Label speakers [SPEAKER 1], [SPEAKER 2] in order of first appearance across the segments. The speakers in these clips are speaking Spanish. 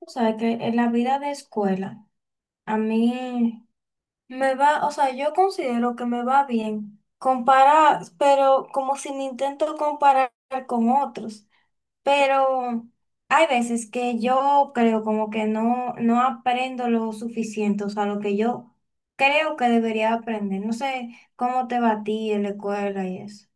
[SPEAKER 1] O sea, que en la vida de escuela, a mí me va, o sea, yo considero que me va bien comparar, pero como si me intento comparar con otros. Pero hay veces que yo creo como que no, no aprendo lo suficiente, o sea, lo que yo creo que debería aprender. No sé cómo te va a ti en la escuela y eso.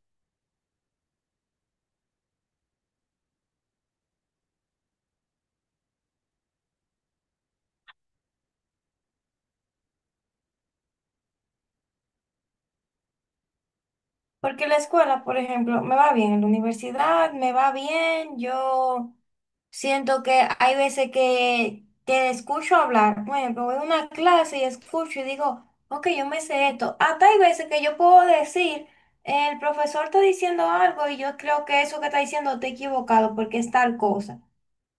[SPEAKER 1] Porque la escuela, por ejemplo, me va bien, en la universidad me va bien, yo siento que hay veces que escucho hablar, por ejemplo, voy a una clase y escucho y digo, ok, yo me sé esto. Hasta hay veces que yo puedo decir, el profesor está diciendo algo y yo creo que eso que está diciendo está equivocado porque es tal cosa,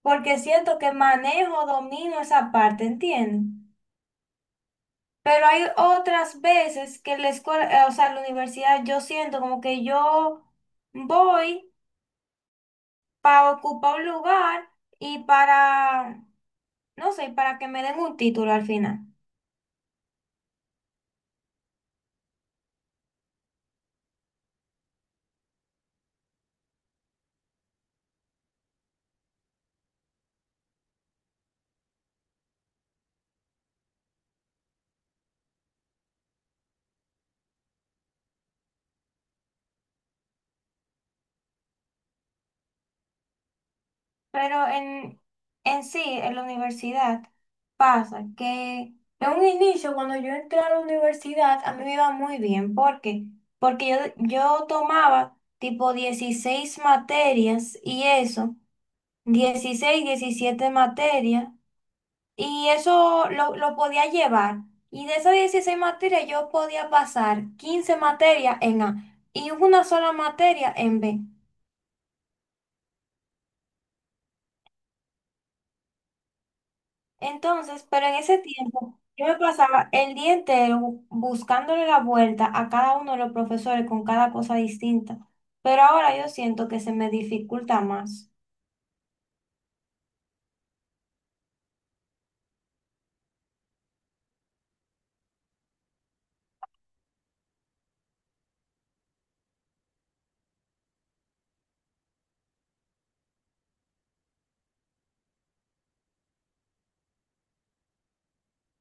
[SPEAKER 1] porque siento que manejo, domino esa parte, ¿entiendes? Pero hay otras veces que la escuela, o sea, la universidad, yo siento como que yo voy para ocupar un lugar y para, no sé, para que me den un título al final. Pero en sí, en la universidad pasa que en un inicio, cuando yo entré a la universidad, a mí me iba muy bien. ¿Por qué? Porque yo tomaba tipo 16 materias y eso, 16 17 materias. Y eso lo podía llevar. Y de esas 16 materias yo podía pasar 15 materias en A y una sola materia en B. Entonces, pero en ese tiempo yo me pasaba el día entero buscándole la vuelta a cada uno de los profesores con cada cosa distinta. Pero ahora yo siento que se me dificulta más.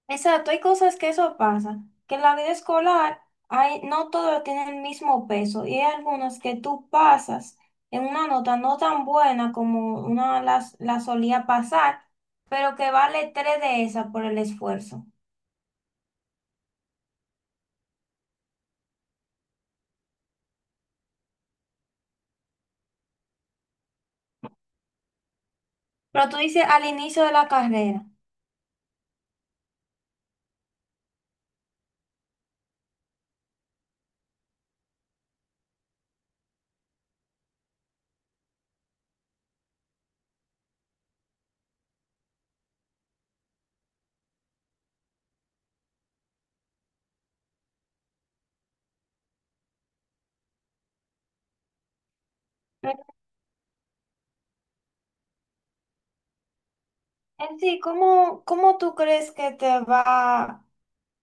[SPEAKER 1] Exacto, hay cosas que eso pasa, que en la vida escolar no todos tienen el mismo peso y hay algunos que tú pasas en una nota no tan buena como una solía pasar, pero que vale tres de esa por el esfuerzo. Pero tú dices al inicio de la carrera. En sí, ¿Cómo tú crees que te va?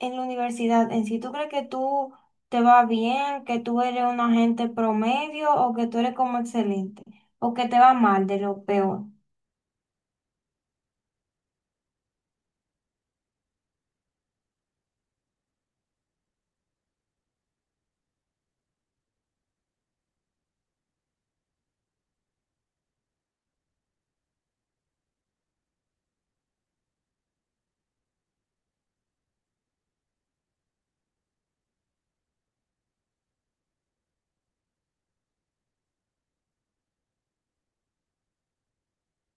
[SPEAKER 1] En la universidad en sí, ¿tú crees que tú te va bien, que tú eres una gente promedio o que tú eres como excelente o que te va mal de lo peor?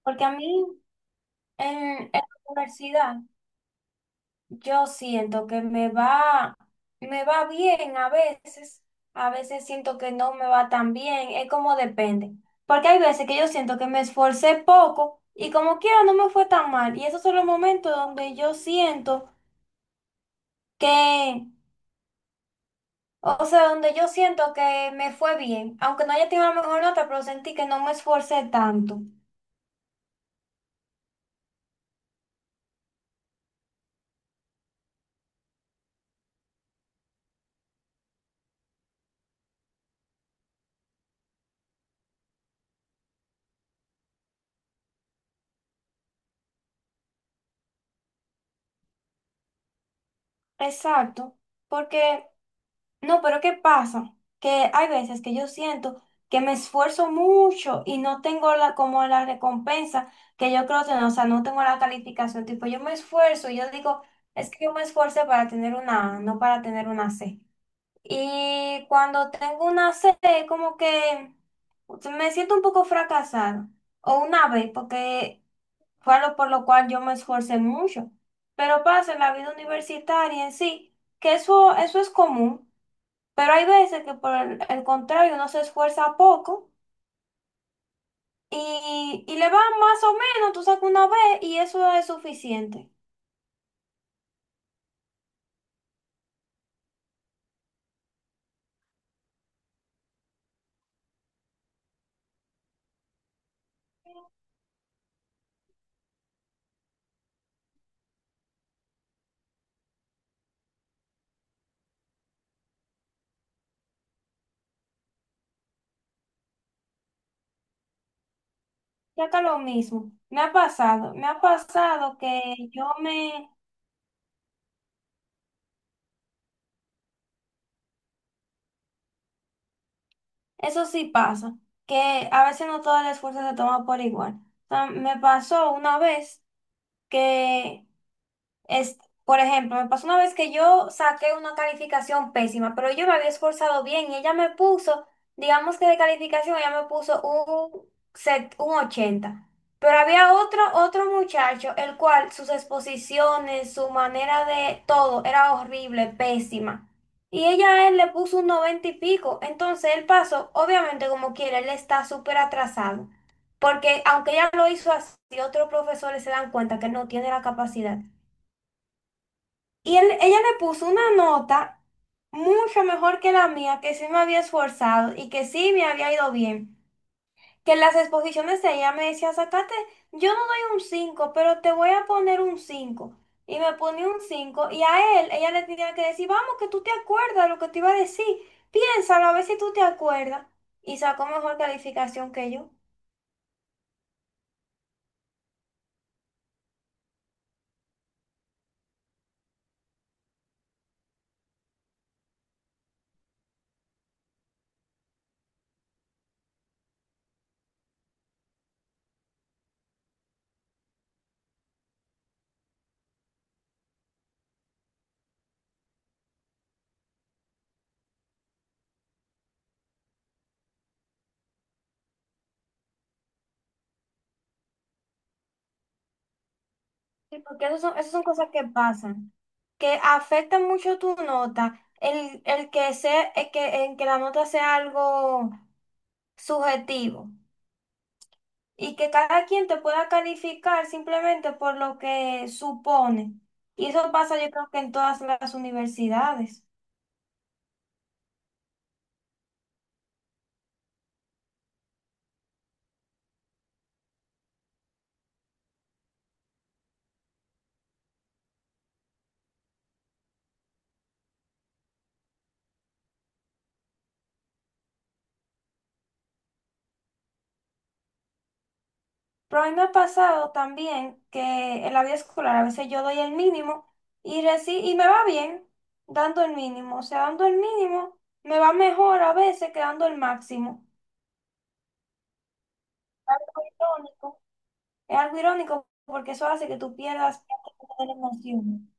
[SPEAKER 1] Porque a mí en, en la universidad yo siento que me va bien a veces siento que no me va tan bien, es como depende. Porque hay veces que yo siento que me esforcé poco y como quiera no me fue tan mal. Y esos son los momentos donde yo siento que O sea, donde yo siento que me fue bien, aunque no haya tenido la mejor nota, pero sentí que no me esforcé tanto. Exacto, porque no, pero ¿qué pasa? Que hay veces que yo siento que me esfuerzo mucho y no tengo como la recompensa que yo creo tener, o sea, no tengo la calificación, tipo, yo me esfuerzo y yo digo, es que yo me esforcé para tener una A, no para tener una C. Y cuando tengo una sed, como que me siento un poco fracasada. O una vez, porque fue algo por lo cual yo me esforcé mucho. Pero pasa en la vida universitaria en sí, que eso es común. Pero hay veces que por el contrario uno se esfuerza poco y le va más o menos, tú sacas una vez y eso es suficiente. Ya que lo mismo. Me ha pasado que yo me Eso sí pasa, que a veces no todo el esfuerzo se toma por igual. O sea, me pasó una vez que es, por ejemplo, me pasó una vez que yo saqué una calificación pésima, pero yo me había esforzado bien y ella me puso, digamos que de calificación, ella me puso set, un 80. Pero había otro muchacho, el cual sus exposiciones, su manera de todo era horrible, pésima. Y ella a él le puso un 90 y pico. Entonces él pasó, obviamente como quiera él está súper atrasado. Porque aunque ella lo hizo así, otros profesores se dan cuenta que no tiene la capacidad. Y ella le puso una nota mucho mejor que la mía, que sí me había esforzado y que sí me había ido bien. Que en las exposiciones de ella me decía, sacate, yo no doy un 5, pero te voy a poner un cinco. Y me ponía un 5 y a él, ella le tenía que decir, vamos, que tú te acuerdas lo que te iba a decir, piénsalo a ver si tú te acuerdas. Y sacó mejor calificación que yo. Sí, porque esas son cosas que pasan, que afectan mucho tu nota, el que sea, el que, en que la nota sea algo subjetivo y que cada quien te pueda calificar simplemente por lo que supone. Y eso pasa yo creo que en todas las universidades. Pero a mí me ha pasado también que en la vida escolar a veces yo doy el mínimo y me va bien dando el mínimo, o sea, dando el mínimo me va mejor a veces que dando el máximo. algo irónico, es algo irónico porque eso hace que tú pierdas parte como de la emoción.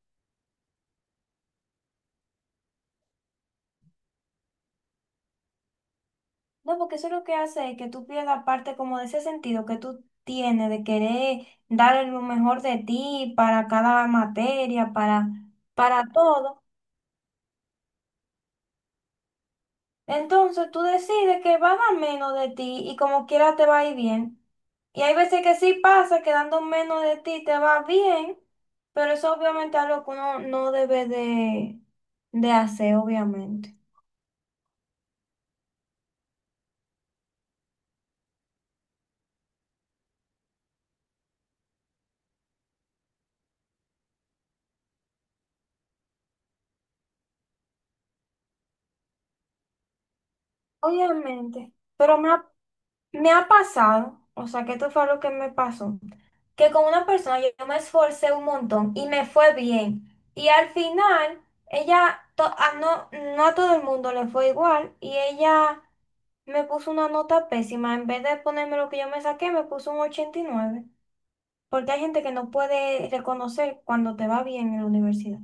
[SPEAKER 1] No, porque eso lo que hace es que tú pierdas parte como de ese sentido que tú tienes de querer dar lo mejor de ti para cada materia, para todo. Entonces tú decides que vas a dar menos de ti y como quiera te va a ir bien. Y hay veces que sí pasa que dando menos de ti te va bien, pero eso obviamente es algo que uno no debe de hacer, obviamente. Obviamente, pero me ha pasado, o sea, que esto fue lo que me pasó, que con una persona yo me esforcé un montón y me fue bien. Y al final, ella, to- a no, no a todo el mundo le fue igual y ella me puso una nota pésima. En vez de ponerme lo que yo me saqué, me puso un 89. Porque hay gente que no puede reconocer cuando te va bien en la universidad.